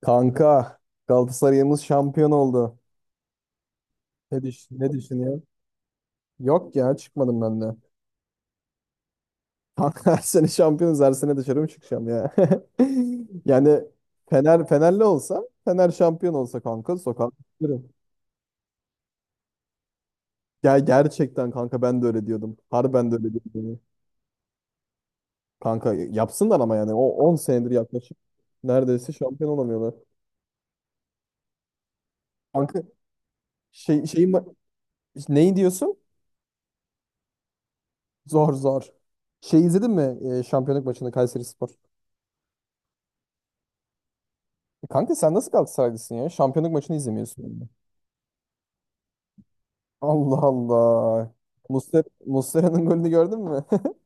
Kanka Galatasaray'ımız şampiyon oldu. Ne düşünüyorsun? Yok ya çıkmadım ben de. Kanka her sene şampiyonuz, her sene dışarı mı çıkacağım ya? Yani Fenerli olsa, Fener şampiyon olsa kanka sokağa çıkarım. Ya gerçekten kanka ben de öyle diyordum. Harbiden de öyle diyordum. Kanka yapsınlar ama yani o 10 senedir yaklaşık neredeyse şampiyon olamıyorlar. Kanka şey, şey ma- neyi diyorsun? Zor zor. Şey izledin mi şampiyonluk maçını Kayseri. Kanka sen nasıl Galatasaraylısın ya? Şampiyonluk maçını izlemiyorsun yani. Allah Allah. Muslera'nın golünü gördün mü?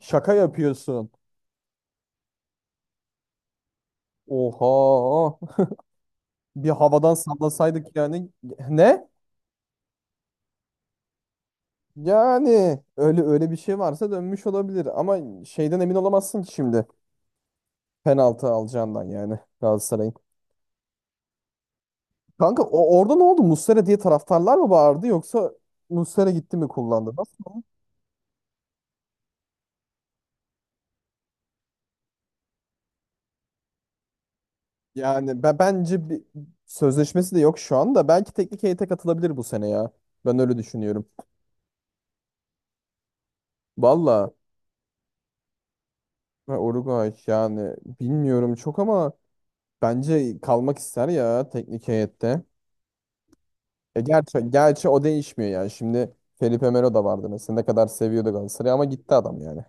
Şaka yapıyorsun. Oha. Bir havadan sallasaydık yani. Ne? Yani öyle öyle bir şey varsa dönmüş olabilir ama şeyden emin olamazsın ki şimdi, penaltı alacağından yani, Galatasaray'ın. Kanka orada ne oldu? Muslera diye taraftarlar mı bağırdı yoksa Muslera gitti mi kullandı? Nasıl? Yani ben bence bir sözleşmesi de yok şu anda. Belki teknik heyete katılabilir bu sene ya. Ben öyle düşünüyorum. Valla, ha, Uruguay yani bilmiyorum çok, ama bence kalmak ister ya teknik heyette. Gerçi o değişmiyor yani. Şimdi Felipe Melo da vardı mesela. Ne kadar seviyordu Galatasaray'ı ama gitti adam yani.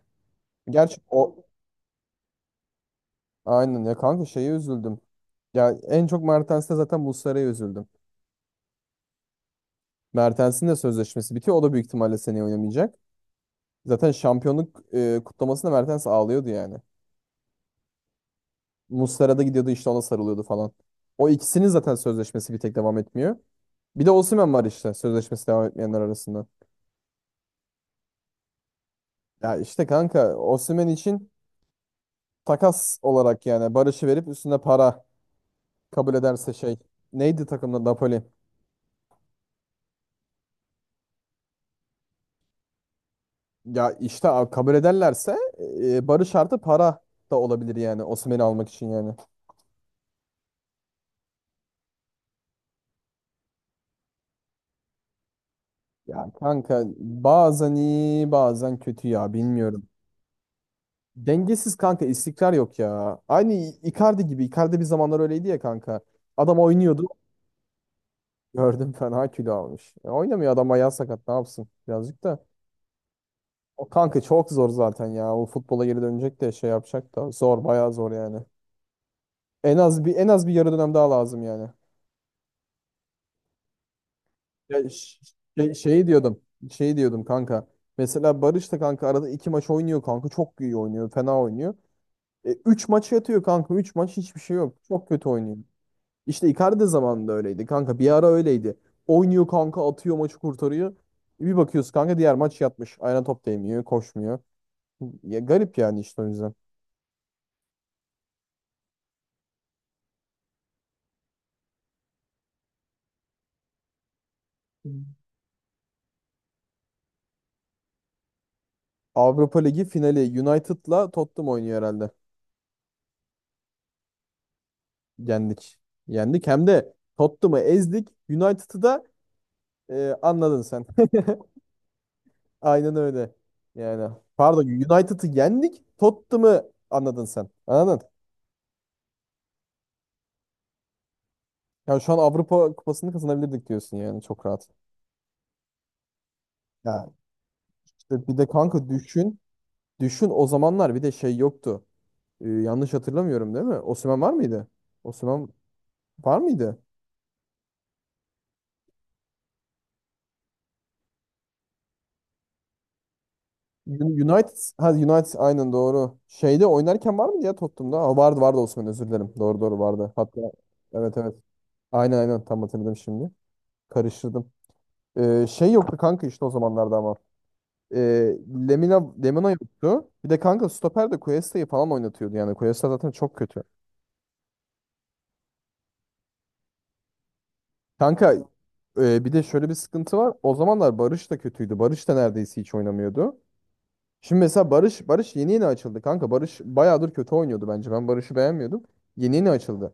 Gerçi o, aynen ya kanka, şeye üzüldüm. Ya en çok Mertens'te, zaten Muslera'ya üzüldüm. Mertens'in de sözleşmesi bitiyor. O da büyük ihtimalle seneye oynamayacak. Zaten şampiyonluk kutlamasında Mertens ağlıyordu yani. Muslera da gidiyordu işte, ona sarılıyordu falan. O ikisinin zaten sözleşmesi bir tek devam etmiyor. Bir de Osimhen var işte, sözleşmesi devam etmeyenler arasında. Ya işte kanka, Osimhen için takas olarak yani Barış'ı verip üstüne para kabul ederse şey. Neydi takımda, Napoli? Ya işte kabul ederlerse Barış artı para da olabilir yani, Osimhen'i almak için yani. Ya kanka, bazen iyi bazen kötü ya, bilmiyorum. Dengesiz kanka, istikrar yok ya. Aynı Icardi gibi. Icardi bir zamanlar öyleydi ya kanka. Adam oynuyordu. Gördüm, fena kilo almış. Oynamıyor adam, ayağı sakat, ne yapsın birazcık da. O kanka çok zor zaten ya. O futbola geri dönecek de şey yapacak da, zor, bayağı zor yani. En az bir yarı dönem daha lazım yani. Ya, ş- Şeyi diyordum. Şey diyordum kanka. Mesela Barış da kanka arada iki maç oynuyor kanka. Çok iyi oynuyor. Fena oynuyor. Üç maç yatıyor kanka. Üç maç hiçbir şey yok. Çok kötü oynuyor. İşte Icardi zamanında öyleydi kanka. Bir ara öyleydi. Oynuyor kanka, atıyor, maçı kurtarıyor. Bir bakıyoruz kanka, diğer maç yatmış. Ayağına top değmiyor, koşmuyor. Ya garip yani işte, o yüzden. Avrupa Ligi finali United'la Tottenham oynuyor herhalde. Yendik. Yendik, hem de Tottenham'ı ezdik. United'ı da anladın sen. Aynen öyle. Yani pardon, United'ı yendik. Tottenham'ı anladın sen. Anladın? Yani şu an Avrupa Kupası'nı kazanabilirdik diyorsun yani, çok rahat. Ya işte bir de kanka düşün. Düşün, o zamanlar bir de şey yoktu. Yanlış hatırlamıyorum değil mi? Osimhen var mıydı? Osimhen var mıydı? United aynen doğru. Şeyde oynarken var mıydı ya, Tottenham'da? Vardı vardı, Osimhen, özür dilerim. Doğru doğru, vardı. Hatta evet evet. Aynen aynen, tam hatırladım şimdi. Karıştırdım. Şey yoktu kanka işte o zamanlarda ama. Ee, Lemina yoktu. Bir de kanka stoper de Cuesta'yı falan oynatıyordu yani. Cuesta zaten çok kötü. Kanka bir de şöyle bir sıkıntı var. O zamanlar Barış da kötüydü. Barış da neredeyse hiç oynamıyordu. Şimdi mesela Barış yeni yeni açıldı kanka. Barış bayağıdır kötü oynuyordu bence. Ben Barış'ı beğenmiyordum. Yeni yeni açıldı.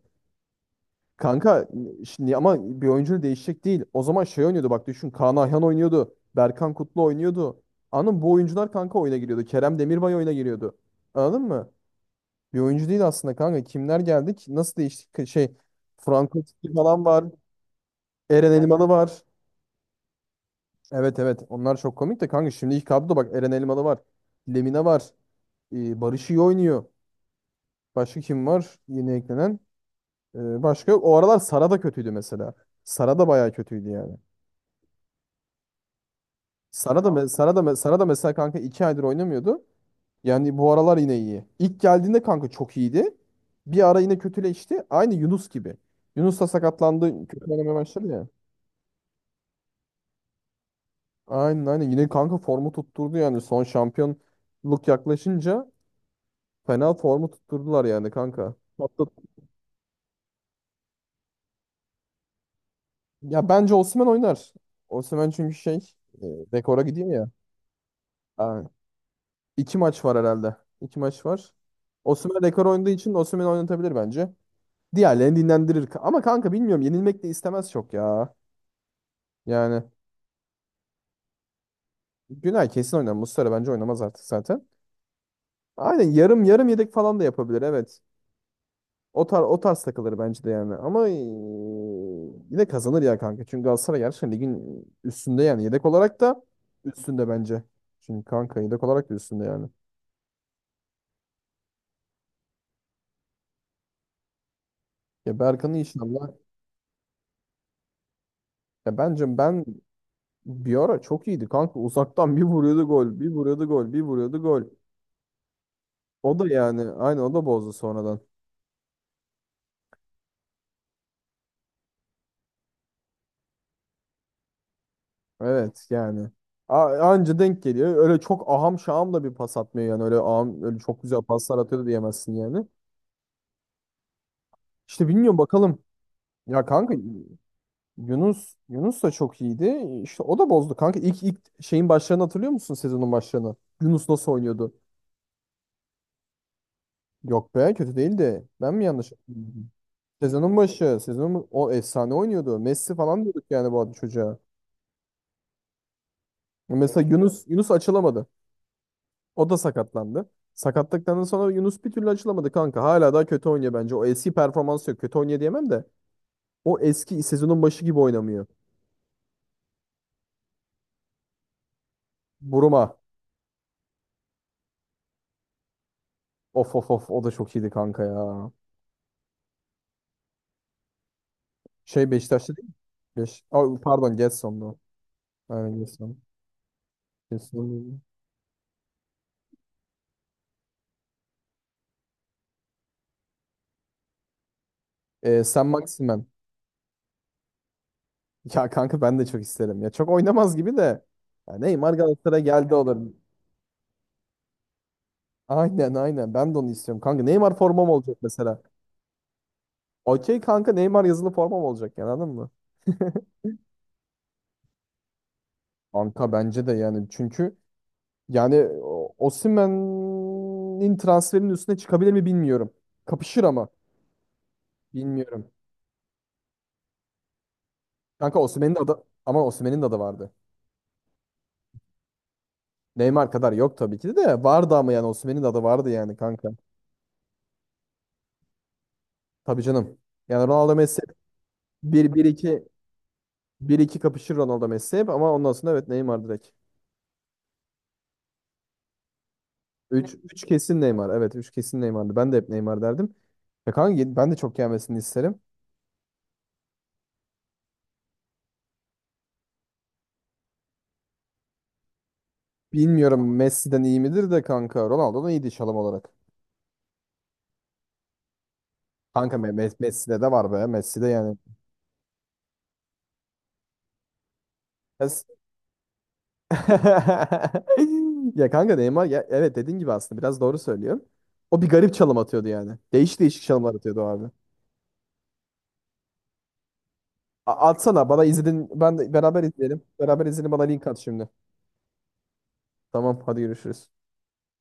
Kanka şimdi ama bir oyuncu değişecek değil. O zaman şey oynuyordu, bak düşün. Kaan Ayhan oynuyordu. Berkan Kutlu oynuyordu. Anladın mı? Bu oyuncular kanka oyuna giriyordu. Kerem Demirbay oyuna giriyordu. Anladın mı? Bir oyuncu değil aslında kanka. Kimler geldik? Nasıl değişti? Şey, Franco Totti falan var. Eren Elmalı var. Evet evet, onlar çok komik de kanka, şimdi ilk kadroda bak, Eren Elmalı var. Lemina var. Barış iyi oynuyor. Başka kim var yeni eklenen? Başka yok. O aralar Sara da kötüydü mesela. Sara da bayağı kötüydü yani. Sara da mesela kanka 2 aydır oynamıyordu. Yani bu aralar yine iyi. İlk geldiğinde kanka çok iyiydi. Bir ara yine kötüleşti. Aynı Yunus gibi. Yunus da sakatlandı. Kötü oynamaya başladı ya. Aynen aynen. Yine kanka formu tutturdu yani. Son şampiyonluk yaklaşınca fena formu tutturdular yani kanka. Hatta, ya bence Osimhen oynar. Osimhen çünkü e, rekora gidiyor ya. Ha, iki maç var herhalde. İki maç var. Osimhen rekor oynadığı için Osimhen'i oynatabilir bence. Diğerlerini dinlendirir. Ama kanka bilmiyorum, yenilmek de istemez çok ya. Yani Günay kesin oynar. Muslera bence oynamaz artık zaten. Aynen, yarım yarım yedek falan da yapabilir, evet. O tarz takılır bence de yani. Ama yine kazanır ya kanka. Çünkü Galatasaray gerçekten ligin üstünde yani. Yedek olarak da üstünde bence. Çünkü kanka yedek olarak da üstünde yani. Ya Berkan'ı inşallah. Ya bence ben, bir ara çok iyiydi kanka. Uzaktan bir vuruyordu gol, bir vuruyordu gol, bir vuruyordu gol. O da yani, aynı, o da bozdu sonradan. Evet yani. Anca denk geliyor. Öyle çok aham şaham da bir pas atmıyor yani. Öyle aham, öyle çok güzel paslar atıyordu diyemezsin yani. İşte bilmiyorum, bakalım. Ya kanka, Yunus da çok iyiydi. İşte o da bozdu kanka. İlk şeyin başlarını hatırlıyor musun, sezonun başlarını? Yunus nasıl oynuyordu? Yok be, kötü değildi. Ben mi yanlış hatırlıyorum? Sezonun, o efsane oynuyordu. Messi falan diyorduk yani bu adı çocuğa. Mesela Yunus açılamadı. O da sakatlandı. Sakatlıktan sonra Yunus bir türlü açılamadı kanka. Hala daha kötü oynuyor bence. O eski performansı yok. Kötü oynuyor diyemem de. O eski sezonun başı gibi oynamıyor. Buruma. Of of of, o da çok iyiydi kanka ya. Şey, Beşiktaş'ta değil mi? Pardon, Getson'du. Aynen, Getson. Getson. Sen Maximen. Ya kanka ben de çok isterim. Ya çok oynamaz gibi de. Ya Neymar Galatasaray'a geldi, olur. Aynen aynen. Ben de onu istiyorum. Kanka Neymar formam olacak mesela. Okey kanka, Neymar yazılı formam olacak, yani anladın mı? Kanka bence de, yani çünkü yani Osimhen'in transferinin üstüne çıkabilir mi bilmiyorum. Kapışır ama bilmiyorum. Kanka Osimhen'in adı, ama Osimhen'in de adı vardı. Neymar kadar yok tabii ki de vardı, ama yani Osimhen'in de adı vardı yani kanka. Tabii canım. Yani Ronaldo Messi bir, bir iki, bir iki kapışır Ronaldo Messi hep ama ondan sonra evet, Neymar direkt. Üç kesin Neymar. Evet, 3 kesin Neymar'dı. Ben de hep Neymar derdim. Ya kanka ben de çok gelmesini isterim. Bilmiyorum, Messi'den iyi midir de kanka, Ronaldo'dan iyiydi şalım olarak. Kanka Messi'de de var be. Messi'de yani. Yes. Ya kanka Neymar ya, evet, dediğin gibi aslında biraz doğru söylüyorsun. O bir garip çalım atıyordu yani. Değişik değişik çalımlar atıyordu o abi. Atsana bana, izledin. Beraber izleyelim. Beraber izleyelim, bana link at şimdi. Tamam hadi, görüşürüz.